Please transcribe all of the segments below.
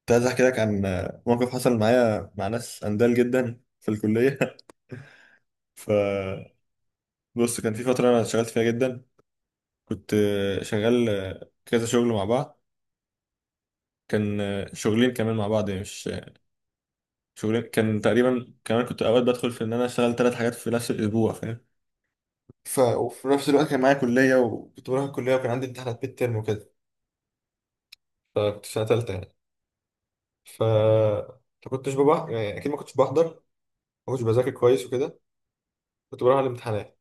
كنت عايز احكي لك عن موقف حصل معايا مع ناس اندال جدا في الكليه. فبص، كان في فتره انا اشتغلت فيها جدا. كنت شغال كذا شغل مع بعض. كان شغلين كمان مع بعض، يعني مش شغلين، كان تقريبا كمان. كنت اوقات بدخل في ان انا اشتغل ثلاث حاجات في نفس الاسبوع، فاهم؟ ف وفي نفس الوقت كان معايا كليه، وكنت بروح الكليه، وكان عندي امتحانات ميد ترم وكده. فكنت في سنه ثالثه يعني. ف ما كنتش ببع... يعني اكيد ما كنتش بحضر، ما كنتش بذاكر كويس وكده. كنت بروح على الامتحانات.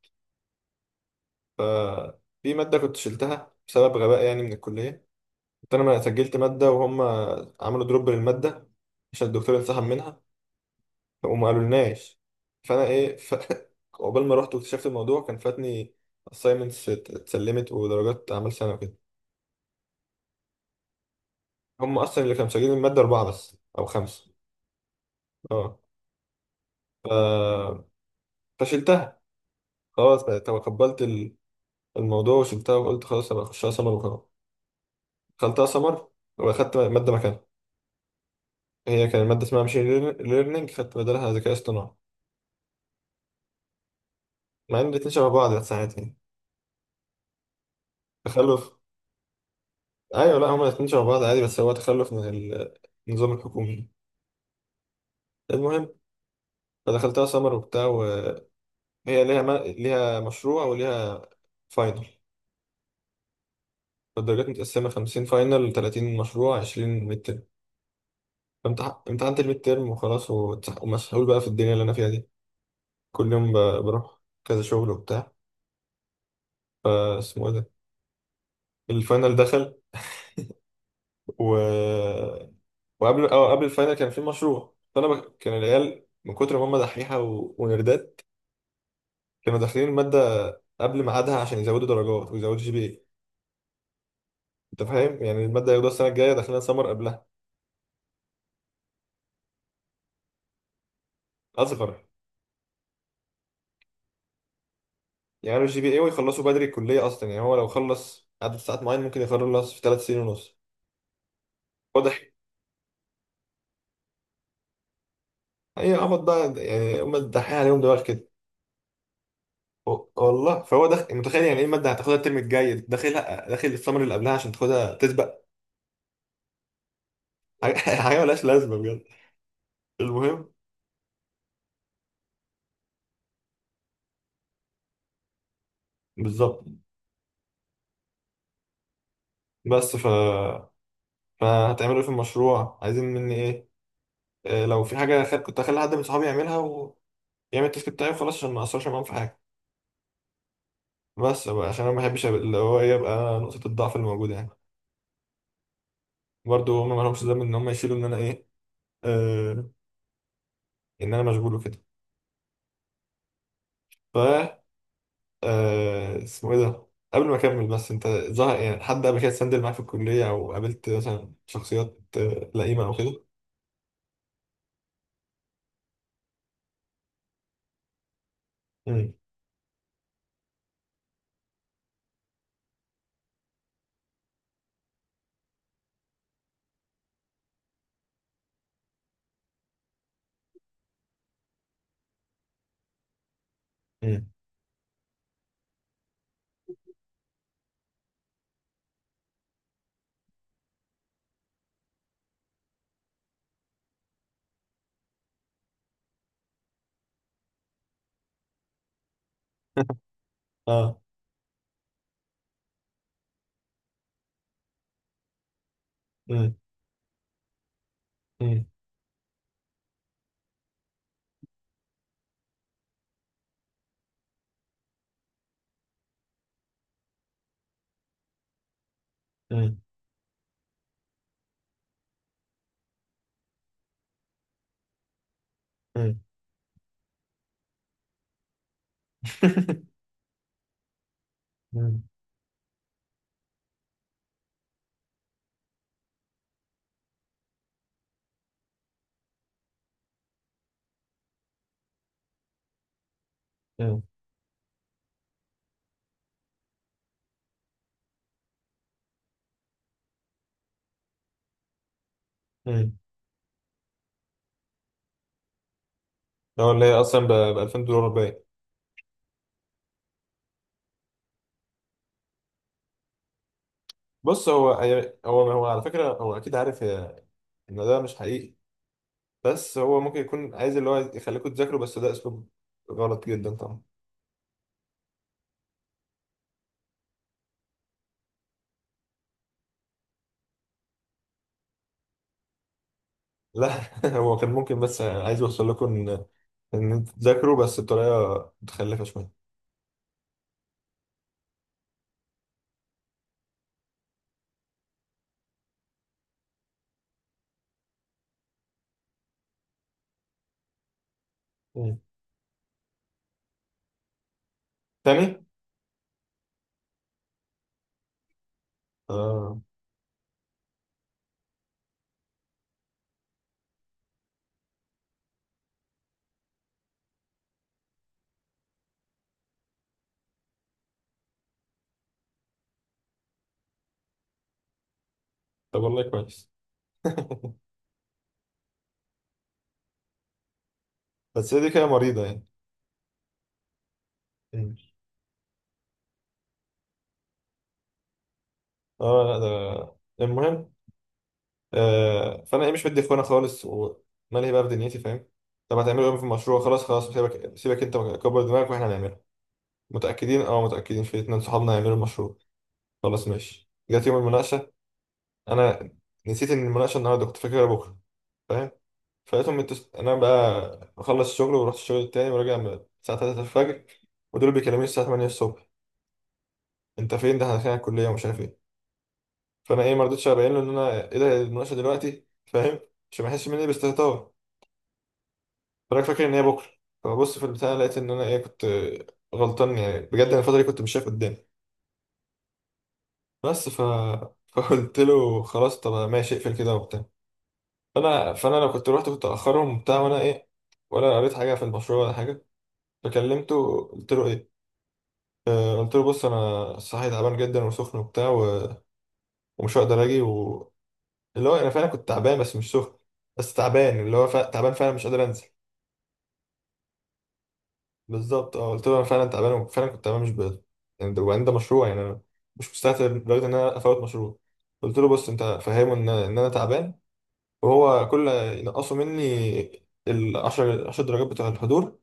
ففي مادة كنت شلتها بسبب غباء يعني من الكلية. كنت أنا ما سجلت مادة وهم عملوا دروب للمادة عشان الدكتور انسحب منها، وما قالولناش. فأنا إيه عقبال ما رحت واكتشفت الموضوع كان فاتني assignments اتسلمت ودرجات أعمال سنة وكده. هم أصلا اللي كانوا مسجلين المادة أربعة بس أو خمسة. أه، فشلتها. خلاص بقى تقبلت الموضوع وشلتها، وقلت خلاص أبقى أخشها سمر وخلاص. دخلتها سمر وأخدت مادة مكانها. هي كان المادة اسمها ماشين ليرنينج، خدت بدلها ذكاء اصطناعي، مع ان الاتنين شبه بعض يا ساعات يعني. تخلف. ايوه، لا هما الاتنين شبه بعض عادي، بس هو تخلف من النظام الحكومي. المهم، فدخلتها سمر وبتاع، وهي ليها ما... ليها مشروع وليها فاينل. فالدرجات متقسمة 50 فاينل، 30 مشروع، 20 ميد ترم. امتحنت الميد ترم وخلاص، ومسحول بقى في الدنيا اللي انا فيها دي. كل يوم بروح كذا شغل وبتاع. فاسمه ايه ده، الفاينل دخل، و وقبل اه قبل الفاينل كان في مشروع. فانا كان العيال من كتر ما هم دحيحه و... ونردات، كانوا داخلين الماده قبل ميعادها عشان يزودوا درجات ويزودوا GPA. انت فاهم؟ يعني الماده ياخدوها السنه الجايه داخلين سمر قبلها. اصغر. يعني الجي بي اي، ويخلصوا بدري الكليه. اصلا يعني هو لو خلص عدد ساعات معين ممكن يخلص في ثلاث سنين ونص. واضح. هي عبط بقى، يعني هم دحيحه، عليهم دماغ كده. و- والله، فهو متخيل يعني ايه الماده هتاخدها الترم الجاي، داخلها داخل السمر اللي قبلها عشان تاخدها تسبق. حاجه حاجة ملهاش لازمه بجد. المهم. بالظبط. بس ف فهتعملوا ايه في المشروع، عايزين مني ايه؟ لو في حاجه كنت اخلي حد من صحابي يعملها ويعمل التاسك بتاعي وخلاص عشان ما اقصرش معاهم في حاجه. بس بقى عشان انا ما بحبش اللي هو إيه، يبقى نقطه الضعف اللي موجوده يعني. برضو هم ما لهمش ذنب ان هم يشيلوا آه، ان انا مشغول وكده. ف آه، اسمه ايه ده، قبل ما اكمل بس، انت ظهر يعني حد قبل كده اتسندل معاك في الكليه، او قابلت مثلا شخصيات لئيمه او كده؟ امم. امم. اه. امم. امم. امم. مم. مم. هو اللي هي اصلا ب 2000 دولار باين. بص، هو على فكره هو اكيد عارف ان ده مش حقيقي. بس هو ممكن يكون عايز اللي هو يخليكم تذاكروا، بس ده اسلوب غلط جدا طبعا. لا هو كان ممكن بس عايز يوصل لكم ان ان انتوا تذاكروا، بس بطريقه متخلفه شويه. مم. تاني. اه، طب والله كويس. بس هي دي كده مريضه يعني. مم. اه، لا ده المهم. فانا ايه مش مدي اخوانا خالص، ومالي بقى في دنيتي، فاهم؟ طب هتعملوا ايه في المشروع؟ خلاص خلاص، سيبك سيبك، انت كبر دماغك واحنا هنعمله. متاكدين؟ اه متاكدين، في اتنين صحابنا هيعملوا المشروع. خلاص ماشي، جت يوم المناقشه. انا نسيت ان المناقشه النهارده، كنت فاكرها بكره، فاهم؟ فلقيتهم انا بقى بخلص الشغل ورحت الشغل التاني، وراجع من الساعه 3 الفجر، ودول بيكلموني الساعه 8 الصبح. انت فين؟ ده احنا داخلين على الكليه ومش عارف ايه. فانا ايه ما رضيتش ابين له ان انا ايه ده المناقشه دلوقتي، فاهم؟ عشان ما يحسش مني باستهتار. فانا فاكر ان هي بكره. فبص، في البتاع لقيت ان انا ايه كنت غلطان، يعني بجد انا الفتره دي كنت مش شايف قدامي. بس فقلت له خلاص، طب ماشي، اقفل كده وبتاع. فانا لو كنت رحت كنت اخرهم وبتاع، وانا ايه ولا قريت حاجه في المشروع ولا حاجه. فكلمته قلت له ايه، قلت له بص انا صحي تعبان جدا وسخن وبتاع و... ومش هقدر اجي اللي هو انا فعلا كنت تعبان بس مش سخن، بس تعبان اللي هو تعبان فعلا مش قادر انزل. بالظبط اه قلت له انا فعلا تعبان، وفعلا كنت تعبان مش بقدر. يعني ده وبعدين ده مشروع، يعني انا مش مستعجل لدرجه ان انا افوت مشروع. قلت له بص انت فهمه ان انا تعبان. وهو كل ينقصوا مني ال 10 درجات بتوع الحضور،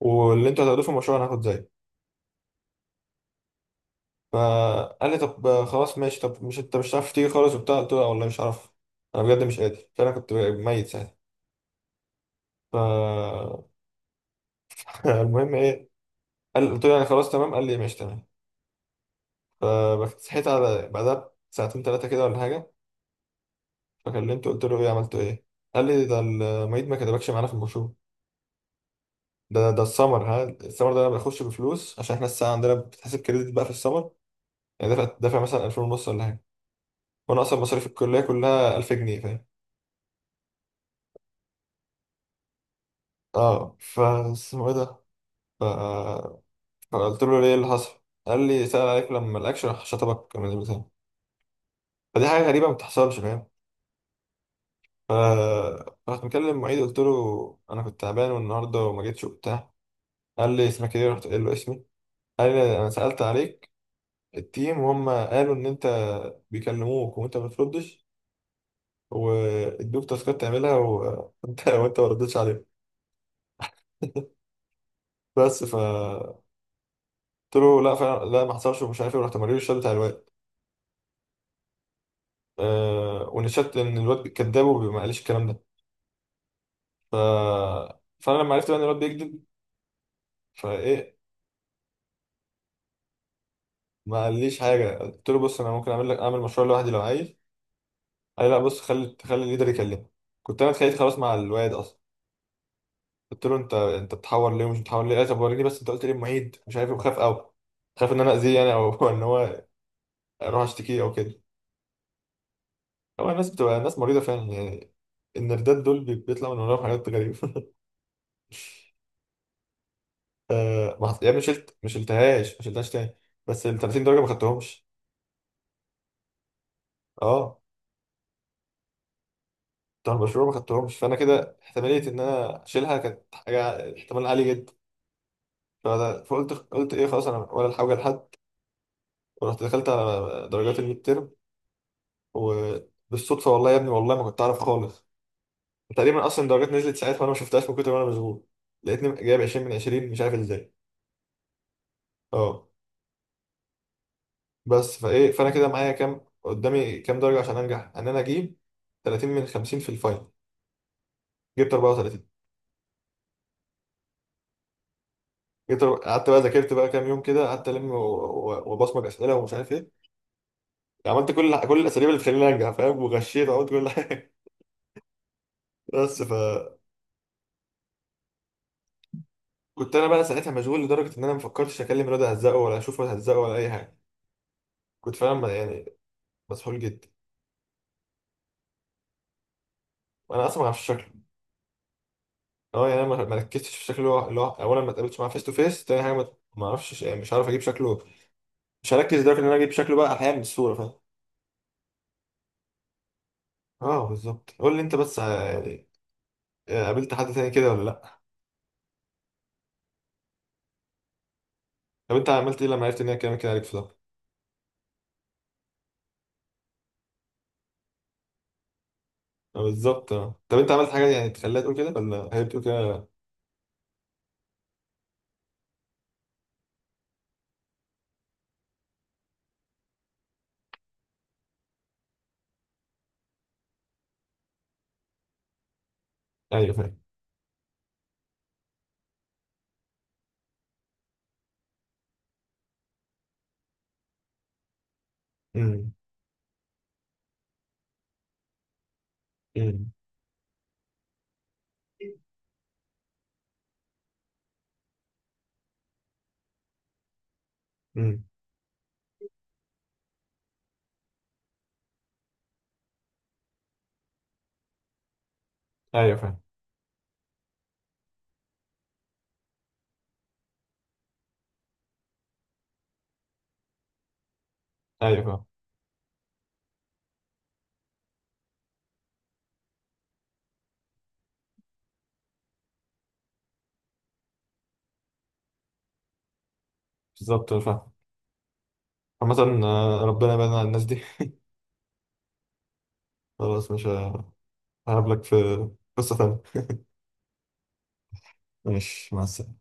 واللي انتوا هتاخدوه في المشروع انا هاخد زيه. فقال لي طب خلاص ماشي، طب مش انت مش هتعرف تيجي خالص وبتاع؟ قلت له لا والله مش هعرف، انا بجد مش قادر، فانا كنت ميت ساعتها. ف المهم ايه. قال، قلت له يعني خلاص تمام، قال لي ماشي تمام. فصحيت على بعدها ساعتين ثلاثه كده ولا حاجه. فكلمته قلت له ايه عملت ايه؟ قال لي ده المعيد ما كتبكش معانا في المشروع. ده السمر، ها، السمر ده انا بخش بفلوس، عشان احنا الساعه عندنا بتحسب كريدت بقى في السمر. يعني دافع مثلا 2000 ونص ولا حاجه، وانا اصلا مصاريف الكليه كلها 1000 جنيه، فاهم؟ اه، اسمه ايه ده، ف... فقلت له ليه اللي حصل. قال لي سأل عليك لما ما لقاكش، راح شطبك من البتاع. فدي حاجه غريبه ما بتحصلش فاهم. ف رحت مكلم المعيد، قلت له انا كنت تعبان والنهارده وما جيتش وبتاع. قال لي اسمك ايه، رحت قايل له اسمي. قال لي انا سألت عليك التيم، وهم قالوا ان انت بيكلموك وانت ما بتردش، وادوك تاسكات تعملها وانت وانت ما ردتش عليهم. بس فقلت له لا فعلا لا ما حصلش، ومش عارف ايه. ورحت موريله الشات بتاع الواد. أه، ونشات ان الواد كذاب وما قاليش الكلام ده. ف فانا لما عرفت بقى ان الواد بيكذب، فايه، ما قاليش حاجه. قلت له بص انا ممكن اعمل مشروع لوحدي لو عايز. قال لي لا بص خلي خلي الليدر يكلمك. كنت انا اتخانقت خلاص مع الواد. قلت له انت بتحور ليه ومش بتحور ليه. قال لي طب وريني بس انت قلت ليه، المعيد مش عارف ايه وخاف قوي. خاف ان انا اذيه يعني، او ان هو اروح اشتكيه او كده. هو الناس بتبقى ناس مريضه فعلا يعني، النردات دول بيطلع من وراهم حاجات غريبه. ما حط- يعني مش شلتهاش، ما شلتهاش تاني، بس ال 30 درجه ما خدتهمش. اه بتوع المشروع ما خدتهمش، فانا كده احتماليه ان انا اشيلها كانت حاجه احتمال عالي جدا. قلت ايه خلاص انا ولا الحاجه لحد، ورحت دخلت على درجات الميد ترم. و بالصدفة والله يا ابني، والله ما كنت أعرف خالص. تقريبا اصلا درجات نزلت ساعتها وانا ما شفتهاش من كتر ما انا مشغول. لقيتني جايب 20 من 20 مش عارف ازاي. اه بس فايه، فانا كده معايا كام، قدامي كام درجه عشان انجح؟ ان انا اجيب 30 من 50 في الفاينل. جبت 34. قعدت بقى ذاكرت بقى كام يوم كده، قعدت وبصمج اسئله ومش عارف ايه، عملت كل الاساليب اللي تخليني انجح فاهم، وغشيت وعملت كل حاجه. بس فكنت انا بقى ساعتها مشغول لدرجه ان انا ما فكرتش اكلم الواد هزقه، ولا اشوفه هزقه، ولا اي حاجه. كنت فعلا يعني مسحول جدا، وانا اصلا ما اعرفش. اه، يعني انا ما ركزتش في شكله، اللي هو اولا ما اتقابلتش معاه فيس تو فيس، تاني حاجه ما اعرفش، مش عارف اجيب شكله، مش هركز لدرجه ان انا اجيب شكله بقى احيانا من الصوره فاهم. اه بالظبط، قول لي انت بس. يعني، قابلت حد تاني كده ولا لا؟ طب انت عملت ايه لما عرفت ان هي كلامك كده عليك في ده. بالظبط. اه طب انت عملت حاجه يعني تخليها تقول كده، ولا هي بتقول كده؟ ايوه فاهم. امم. امم. امم. ايوه فاهم. ايوه فاهم. بالظبط، أنا فاهم. عامة، ربنا يبعدنا عن الناس دي. خلاص، مش هقابلك في قصة تانية. ماشي مع السلامة.